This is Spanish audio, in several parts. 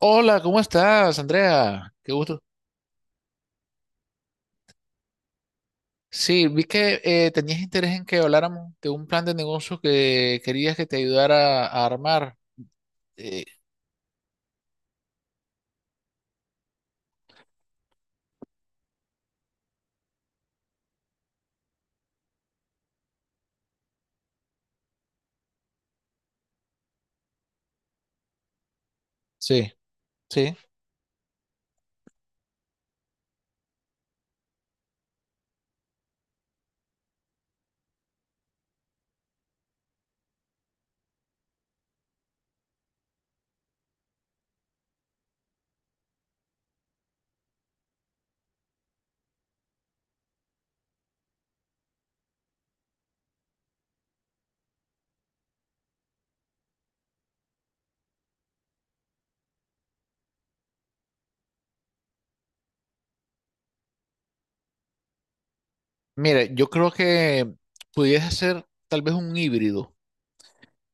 Hola, ¿cómo estás, Andrea? Qué gusto. Sí, vi que tenías interés en que habláramos de un plan de negocio que querías que te ayudara a armar. Eh, sí, sí. Mira, yo creo que pudieras hacer tal vez un híbrido,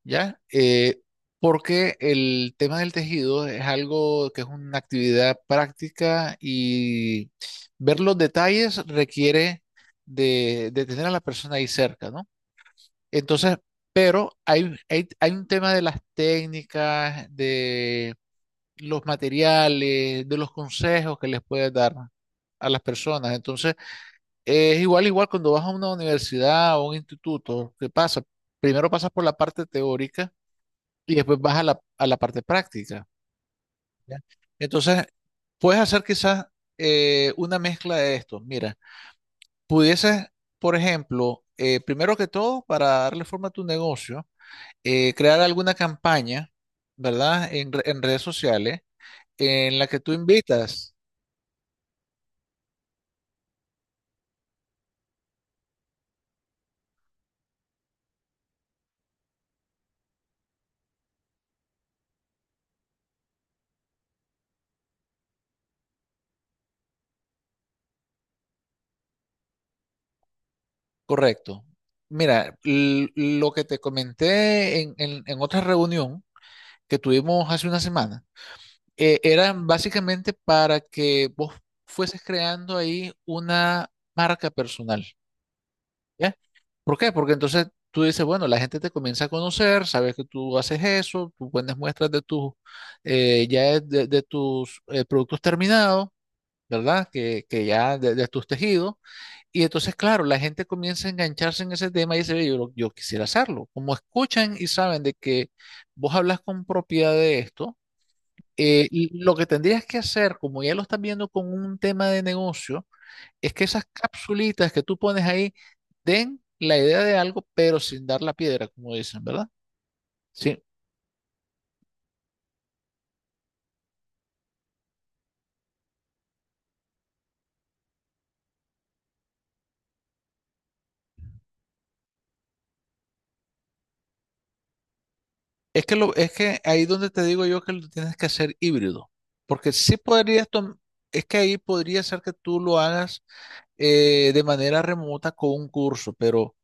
¿ya? Porque el tema del tejido es algo que es una actividad práctica y ver los detalles requiere de tener a la persona ahí cerca, ¿no? Entonces, pero hay un tema de las técnicas, de los materiales, de los consejos que les puedes dar a las personas. Entonces, es igual cuando vas a una universidad o un instituto, ¿qué pasa? Primero pasas por la parte teórica y después vas a a la parte práctica. ¿Ya? Entonces, puedes hacer quizás una mezcla de esto. Mira, pudieses, por ejemplo, primero que todo, para darle forma a tu negocio, crear alguna campaña, ¿verdad? En redes sociales en la que tú invitas, correcto. Mira, lo que te comenté en otra reunión que tuvimos hace una semana, era básicamente para que vos fueses creando ahí una marca personal, ¿ya? ¿Por qué? Porque entonces tú dices, bueno, la gente te comienza a conocer, sabes que tú haces eso, tú pones muestras de tus, de tus productos terminados, ¿verdad? Que ya de tus tejidos. Y entonces, claro, la gente comienza a engancharse en ese tema y dice, "Ve, yo quisiera hacerlo". Como escuchan y saben de que vos hablas con propiedad de esto, y lo que tendrías que hacer, como ya lo estás viendo con un tema de negocio, es que esas capsulitas que tú pones ahí den la idea de algo, pero sin dar la piedra, como dicen, ¿verdad? Sí. Es que ahí donde te digo yo que lo tienes que hacer híbrido, porque sí es que ahí podría ser que tú lo hagas de manera remota con un curso, pero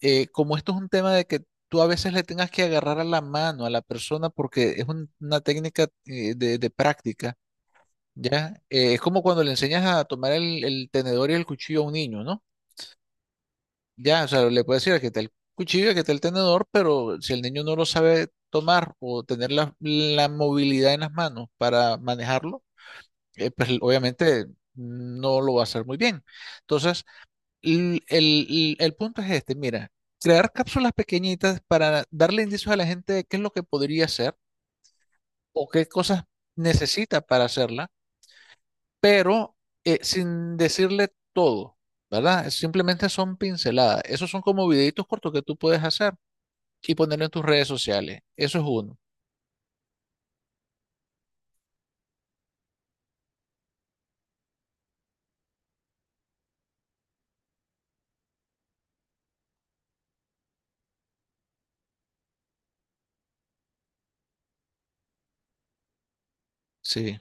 como esto es un tema de que tú a veces le tengas que agarrar a la mano a la persona porque es una técnica de práctica, ¿ya? Es como cuando le enseñas a tomar el tenedor y el cuchillo a un niño, ¿no? Ya, o sea, le puedes decir aquí está el cuchillo, aquí está el tenedor, pero si el niño no lo sabe tomar o tener la movilidad en las manos para manejarlo, pues obviamente no lo va a hacer muy bien. Entonces, el punto es este, mira, crear cápsulas pequeñitas para darle indicios a la gente de qué es lo que podría hacer o qué cosas necesita para hacerla, pero sin decirle todo, ¿verdad? Simplemente son pinceladas. Esos son como videitos cortos que tú puedes hacer y ponerlo en tus redes sociales. Eso es uno. Sí.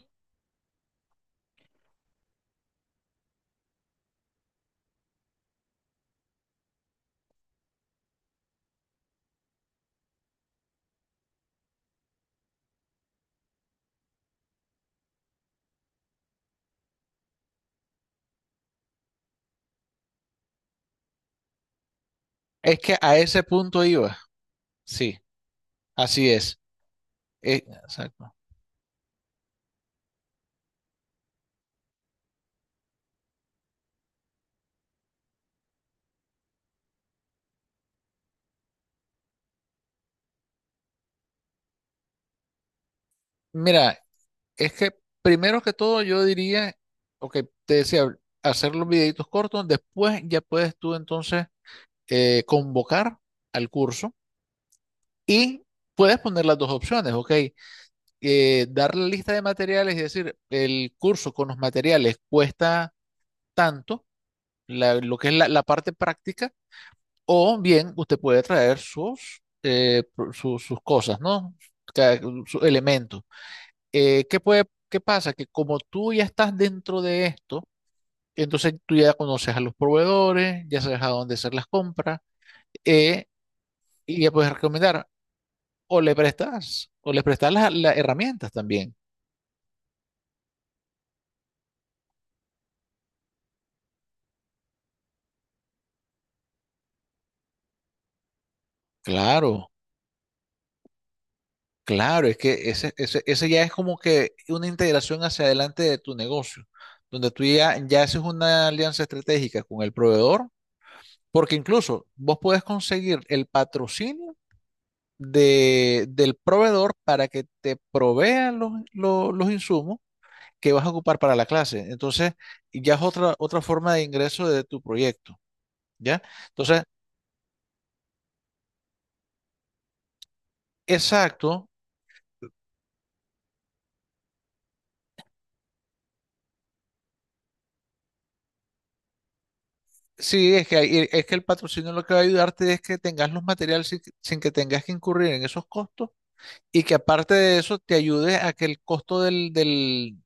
Es que a ese punto iba. Sí, así es. Exacto. Mira, es que primero que todo yo diría, ok, te decía, hacer los videitos cortos, después ya puedes tú entonces convocar al curso y puedes poner las dos opciones, ok, dar la lista de materiales y decir, el curso con los materiales cuesta tanto, lo que es la la parte práctica. O bien, usted puede traer sus, sus cosas, ¿no? Ca- Sus elementos. ¿Qué puede, qué pasa? Que como tú ya estás dentro de esto, entonces tú ya conoces a los proveedores, ya sabes a dónde hacer las compras, eh, y ya puedes recomendar. O le prestas las herramientas también. Claro, claro, es que ese ya es como que una integración hacia adelante de tu negocio, donde tú ya haces una alianza estratégica con el proveedor. Porque incluso vos puedes conseguir el patrocinio del proveedor para que te provean los insumos que vas a ocupar para la clase. Entonces, ya es otra forma de ingreso de tu proyecto, ¿ya? Entonces, exacto. Sí, es que, es que el patrocinio lo que va a ayudarte es que tengas los materiales sin, que sin que tengas que incurrir en esos costos y que aparte de eso te ayude a que el costo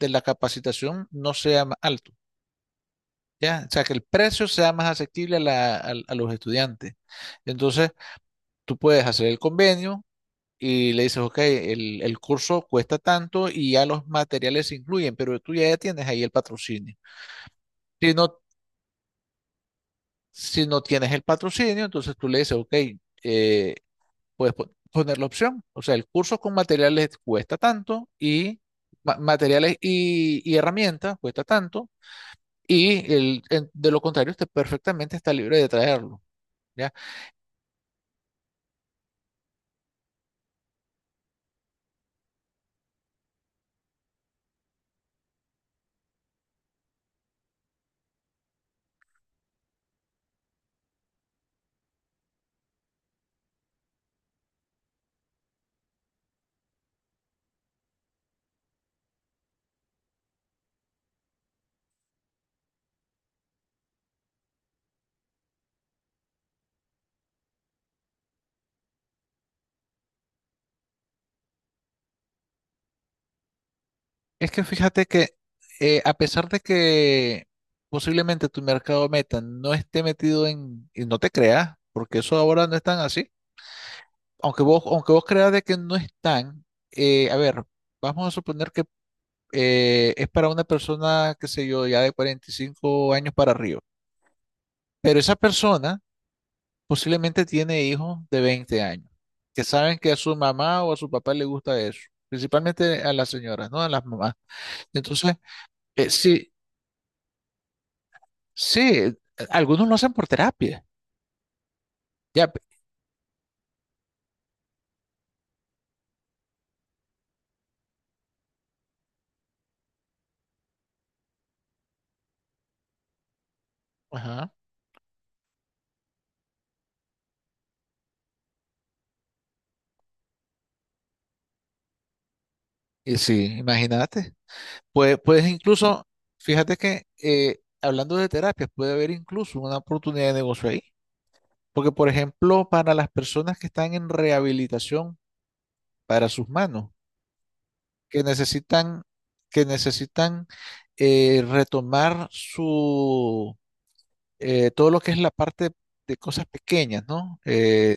de la capacitación no sea más alto. ¿Ya? O sea, que el precio sea más asequible a, a los estudiantes. Entonces, tú puedes hacer el convenio y le dices, ok, el curso cuesta tanto y ya los materiales se incluyen, pero tú ya tienes ahí el patrocinio. Si no, si no tienes el patrocinio, entonces tú le dices, ok, eh, puedes poner la opción. O sea, el curso con materiales cuesta tanto y materiales y herramientas cuesta tanto. Y de lo contrario, usted perfectamente está libre de traerlo. ¿Ya? Es que fíjate que a pesar de que posiblemente tu mercado meta no esté metido en, y no te creas, porque eso ahora no es tan así, aunque vos creas de que no es tan, a ver, vamos a suponer que es para una persona, qué sé yo, ya de 45 años para arriba, pero esa persona posiblemente tiene hijos de 20 años, que saben que a su mamá o a su papá le gusta eso, principalmente a las señoras, ¿no? A las mamás. Entonces, si, sí, algunos lo hacen por terapia. Ya, pe- Ajá. Y sí, imagínate. Puedes incluso, fíjate que hablando de terapias, puede haber incluso una oportunidad de negocio ahí. Porque, por ejemplo, para las personas que están en rehabilitación para sus manos, que necesitan, que necesitan retomar su todo lo que es la parte de cosas pequeñas, ¿no?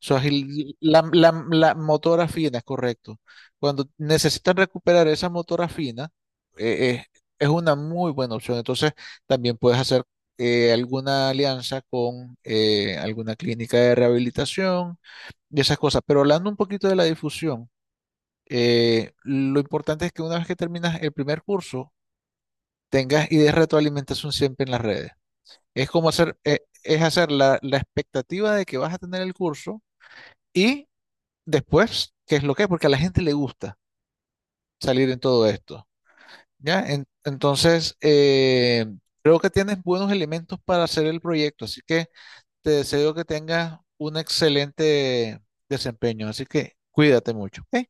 La motora fina, correcto. Cuando necesitan recuperar esa motora fina, eh, eh, es una muy buena opción. Entonces, también puedes hacer alguna alianza con alguna clínica de rehabilitación y esas cosas. Pero hablando un poquito de la difusión, lo importante es que una vez que terminas el primer curso, tengas ideas de retroalimentación siempre en las redes. Es como hacer, es hacer la la expectativa de que vas a tener el curso. Y después, ¿qué es lo que Porque a la gente le gusta salir en todo esto, ¿ya? Entonces, creo que tienes buenos elementos para hacer el proyecto, así que te deseo que tengas un excelente desempeño, así que cuídate mucho, ¿ok?